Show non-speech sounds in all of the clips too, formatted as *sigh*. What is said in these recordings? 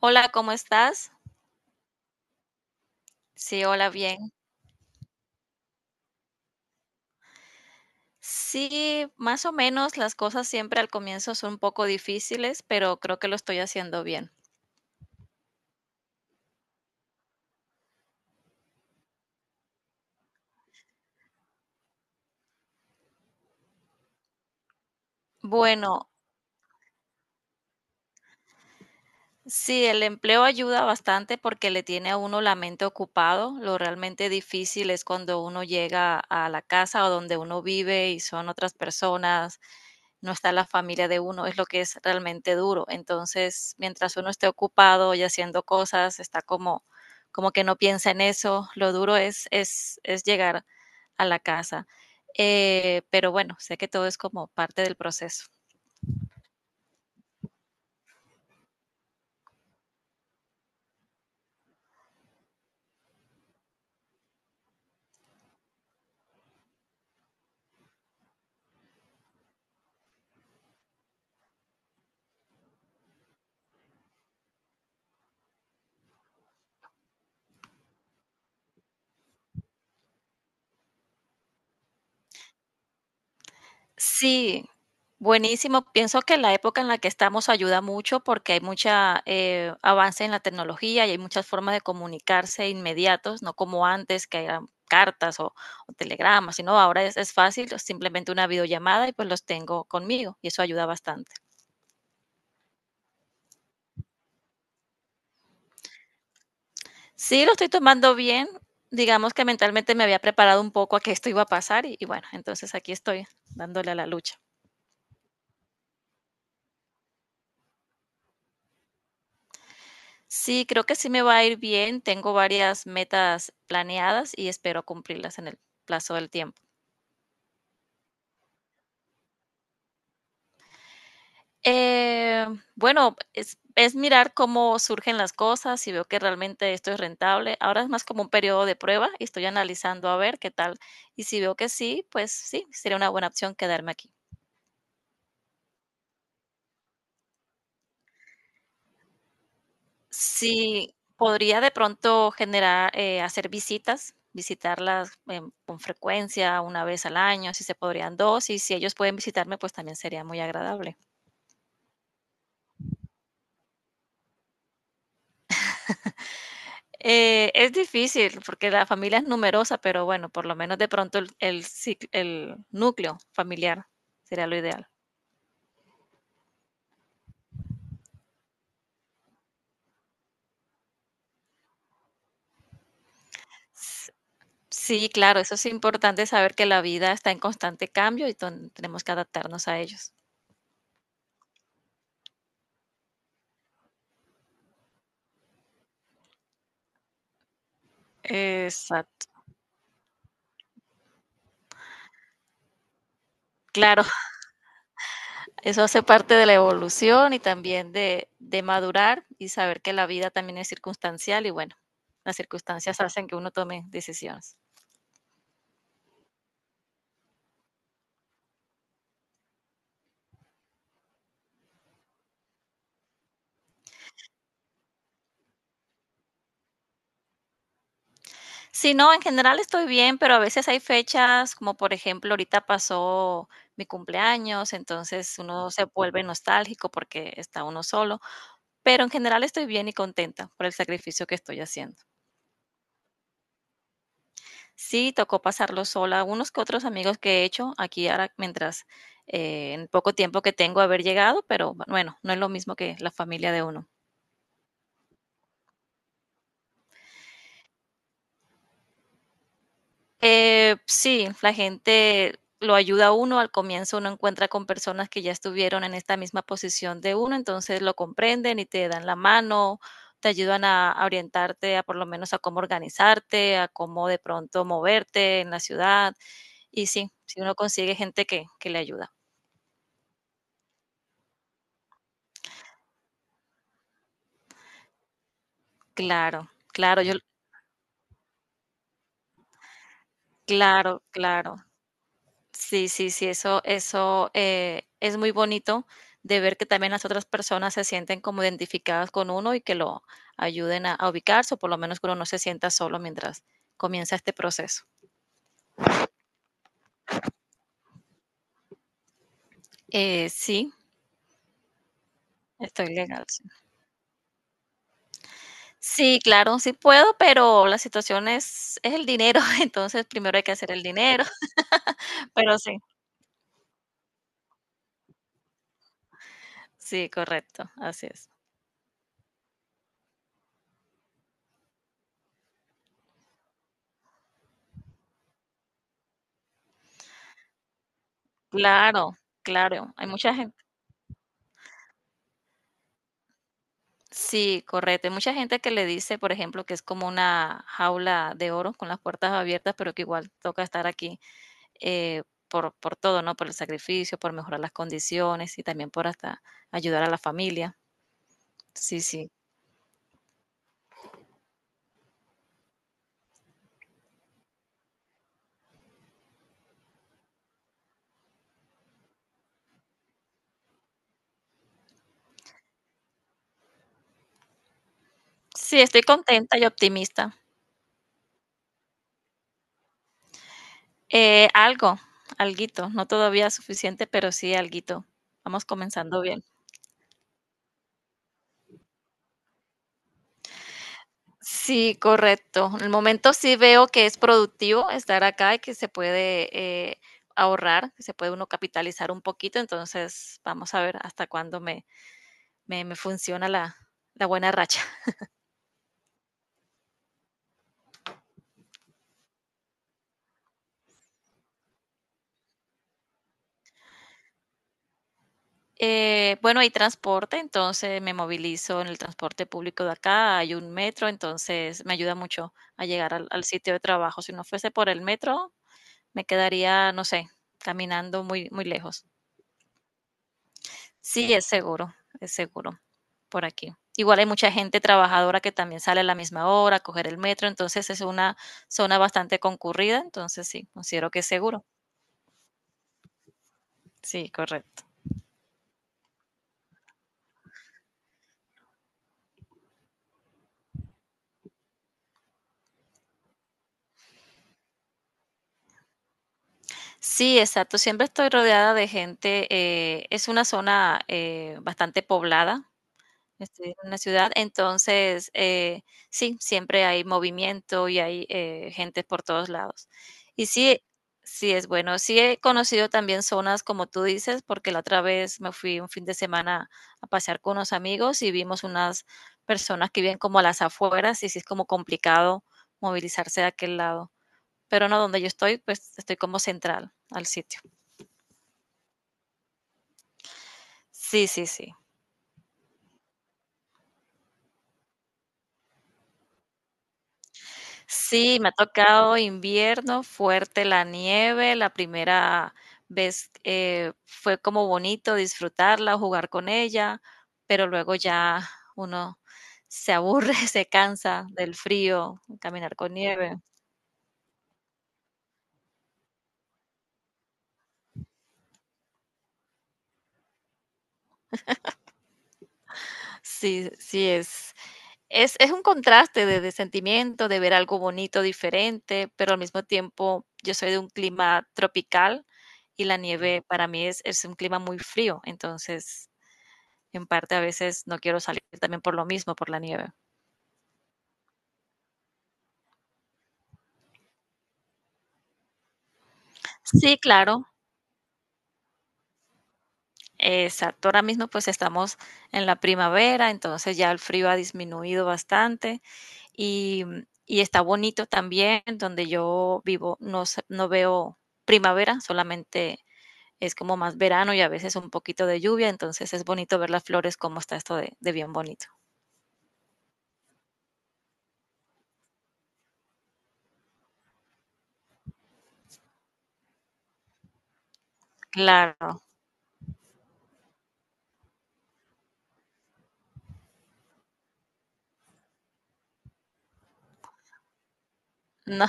Hola, ¿cómo estás? Sí, hola, bien. Sí, más o menos las cosas siempre al comienzo son un poco difíciles, pero creo que lo estoy haciendo bien. Bueno, sí, el empleo ayuda bastante porque le tiene a uno la mente ocupado. Lo realmente difícil es cuando uno llega a la casa o donde uno vive y son otras personas, no está la familia de uno, es lo que es realmente duro. Entonces, mientras uno esté ocupado y haciendo cosas, está como, como que no piensa en eso. Lo duro es llegar a la casa. Pero bueno, sé que todo es como parte del proceso. Sí, buenísimo. Pienso que la época en la que estamos ayuda mucho porque hay mucha avance en la tecnología y hay muchas formas de comunicarse inmediatos, no como antes que eran cartas o telegramas, sino ahora es fácil, es simplemente una videollamada y pues los tengo conmigo y eso ayuda bastante. Sí, lo estoy tomando bien. Digamos que mentalmente me había preparado un poco a que esto iba a pasar y bueno, entonces aquí estoy dándole a la lucha. Sí, creo que sí me va a ir bien. Tengo varias metas planeadas y espero cumplirlas en el plazo del tiempo. Eh, bueno, es mirar cómo surgen las cosas, si veo que realmente esto es rentable. Ahora es más como un periodo de prueba y estoy analizando a ver qué tal. Y si veo que sí, pues sí, sería una buena opción quedarme aquí. Sí, podría de pronto generar, hacer visitas, visitarlas con frecuencia, una vez al año, si se podrían dos, y si ellos pueden visitarme, pues también sería muy agradable. Es difícil porque la familia es numerosa, pero bueno, por lo menos de pronto el núcleo familiar sería lo ideal. S- Sí, claro, eso es importante saber que la vida está en constante cambio y tenemos que adaptarnos a ellos. Exacto, claro. Eso hace parte de la evolución y también de madurar y saber que la vida también es circunstancial y bueno, las circunstancias hacen que uno tome decisiones. Sí, no, en general estoy bien, pero a veces hay fechas, como por ejemplo, ahorita pasó mi cumpleaños, entonces uno se vuelve nostálgico porque está uno solo, pero en general estoy bien y contenta por el sacrificio que estoy haciendo. Sí, tocó pasarlo sola. Unos que otros amigos que he hecho aquí ahora mientras en poco tiempo que tengo haber llegado, pero bueno, no es lo mismo que la familia de uno. Sí, la gente lo ayuda a uno. Al comienzo uno encuentra con personas que ya estuvieron en esta misma posición de uno, entonces lo comprenden y te dan la mano, te ayudan a orientarte a por lo menos a cómo organizarte, a cómo de pronto moverte en la ciudad. Y sí, si uno consigue gente que le ayuda. Claro, claro. Yo. Claro, claro. Sí, sí, sí, eso es muy bonito de ver que también las otras personas se sienten como identificadas con uno y que lo ayuden a ubicarse, o por lo menos que uno no se sienta solo mientras comienza este proceso. Sí, estoy legal, sí. Sí, claro, sí puedo, pero la situación es el dinero, *laughs* entonces primero hay que hacer el dinero, *laughs* pero sí, sí, correcto, así es. Claro, claro, hay mucha gente. Sí, correcto. Hay mucha gente que le dice, por ejemplo, que es como una jaula de oro con las puertas abiertas, pero que igual toca estar aquí eh, por todo, ¿no? Por el sacrificio, por mejorar las condiciones y también por hasta ayudar a la familia. Sí, sí. Sí, estoy contenta y optimista. Eh, algo, Alguito, no todavía suficiente, pero sí alguito. Vamos comenzando bien. Sí, correcto. En el momento sí veo que es productivo estar acá y que se puede eh, ahorrar, que se puede uno capitalizar un poquito. Entonces, vamos a ver hasta cuándo me funciona la buena racha. Bueno, hay transporte, entonces me movilizo en el transporte público de acá, hay un metro, entonces me ayuda mucho a llegar al sitio de trabajo. Si no fuese por el metro, me quedaría, no sé, caminando muy lejos. Sí, es seguro por aquí. Igual hay mucha gente trabajadora que también sale a la misma hora a coger el metro, entonces es una zona bastante concurrida, entonces sí, considero que es seguro. Sí, correcto. Sí, exacto. Siempre estoy rodeada de gente. Es una zona bastante poblada. Estoy en una ciudad, entonces, sí, siempre hay movimiento y hay gente por todos lados. Y sí, sí es bueno. Sí he conocido también zonas como tú dices, porque la otra vez me fui un fin de semana a pasear con unos amigos y vimos unas personas que viven como a las afueras y sí es como complicado movilizarse de aquel lado. Pero no, donde yo estoy, pues estoy como central al sitio. Sí, sí, sí. Sí, me ha tocado invierno, fuerte la nieve. La primera vez fue como bonito disfrutarla, jugar con ella, pero luego ya uno se aburre, *laughs* se cansa del frío, caminar con nieve. Sí, sí, es un contraste de sentimiento, de ver algo bonito, diferente, pero al mismo tiempo yo soy de un clima tropical y la nieve para mí es un clima muy frío, entonces en parte a veces no quiero salir también por lo mismo, por la nieve. Sí, claro, exacto. Ahora mismo pues estamos en la primavera, entonces ya el frío ha disminuido bastante y, y está bonito también donde yo vivo, no, no veo primavera, solamente es como más verano y a veces un poquito de lluvia, entonces es bonito ver las flores, cómo está esto de bien bonito. Claro. No,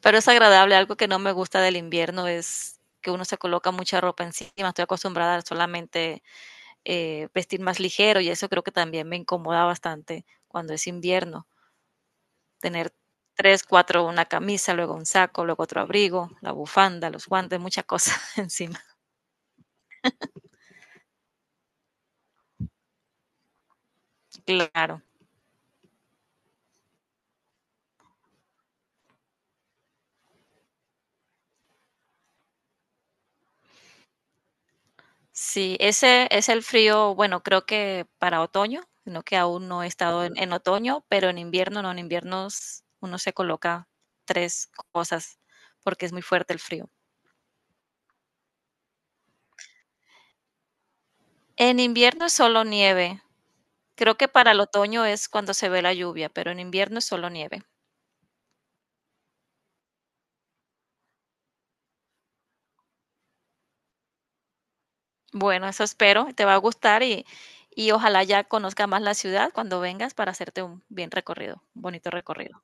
pero es agradable, algo que no me gusta del invierno es que uno se coloca mucha ropa encima, estoy acostumbrada a solamente vestir más ligero y eso creo que también me incomoda bastante cuando es invierno, tener tres, cuatro, una camisa, luego un saco, luego otro abrigo, la bufanda, los guantes, muchas cosas *laughs* encima. Claro. Sí, ese es el frío, bueno, creo que para otoño, sino que aún no he estado en otoño, pero en invierno no, en invierno uno se coloca tres cosas porque es muy fuerte el frío. En invierno es solo nieve. Creo que para el otoño es cuando se ve la lluvia, pero en invierno es solo nieve. Bueno, eso espero, te va a gustar y ojalá ya conozca más la ciudad cuando vengas para hacerte un bien recorrido, un bonito recorrido.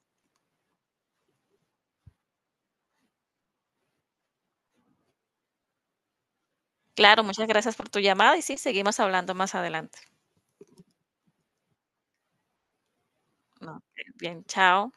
Claro, muchas gracias por tu llamada y sí, seguimos hablando más adelante. No, bien, chao.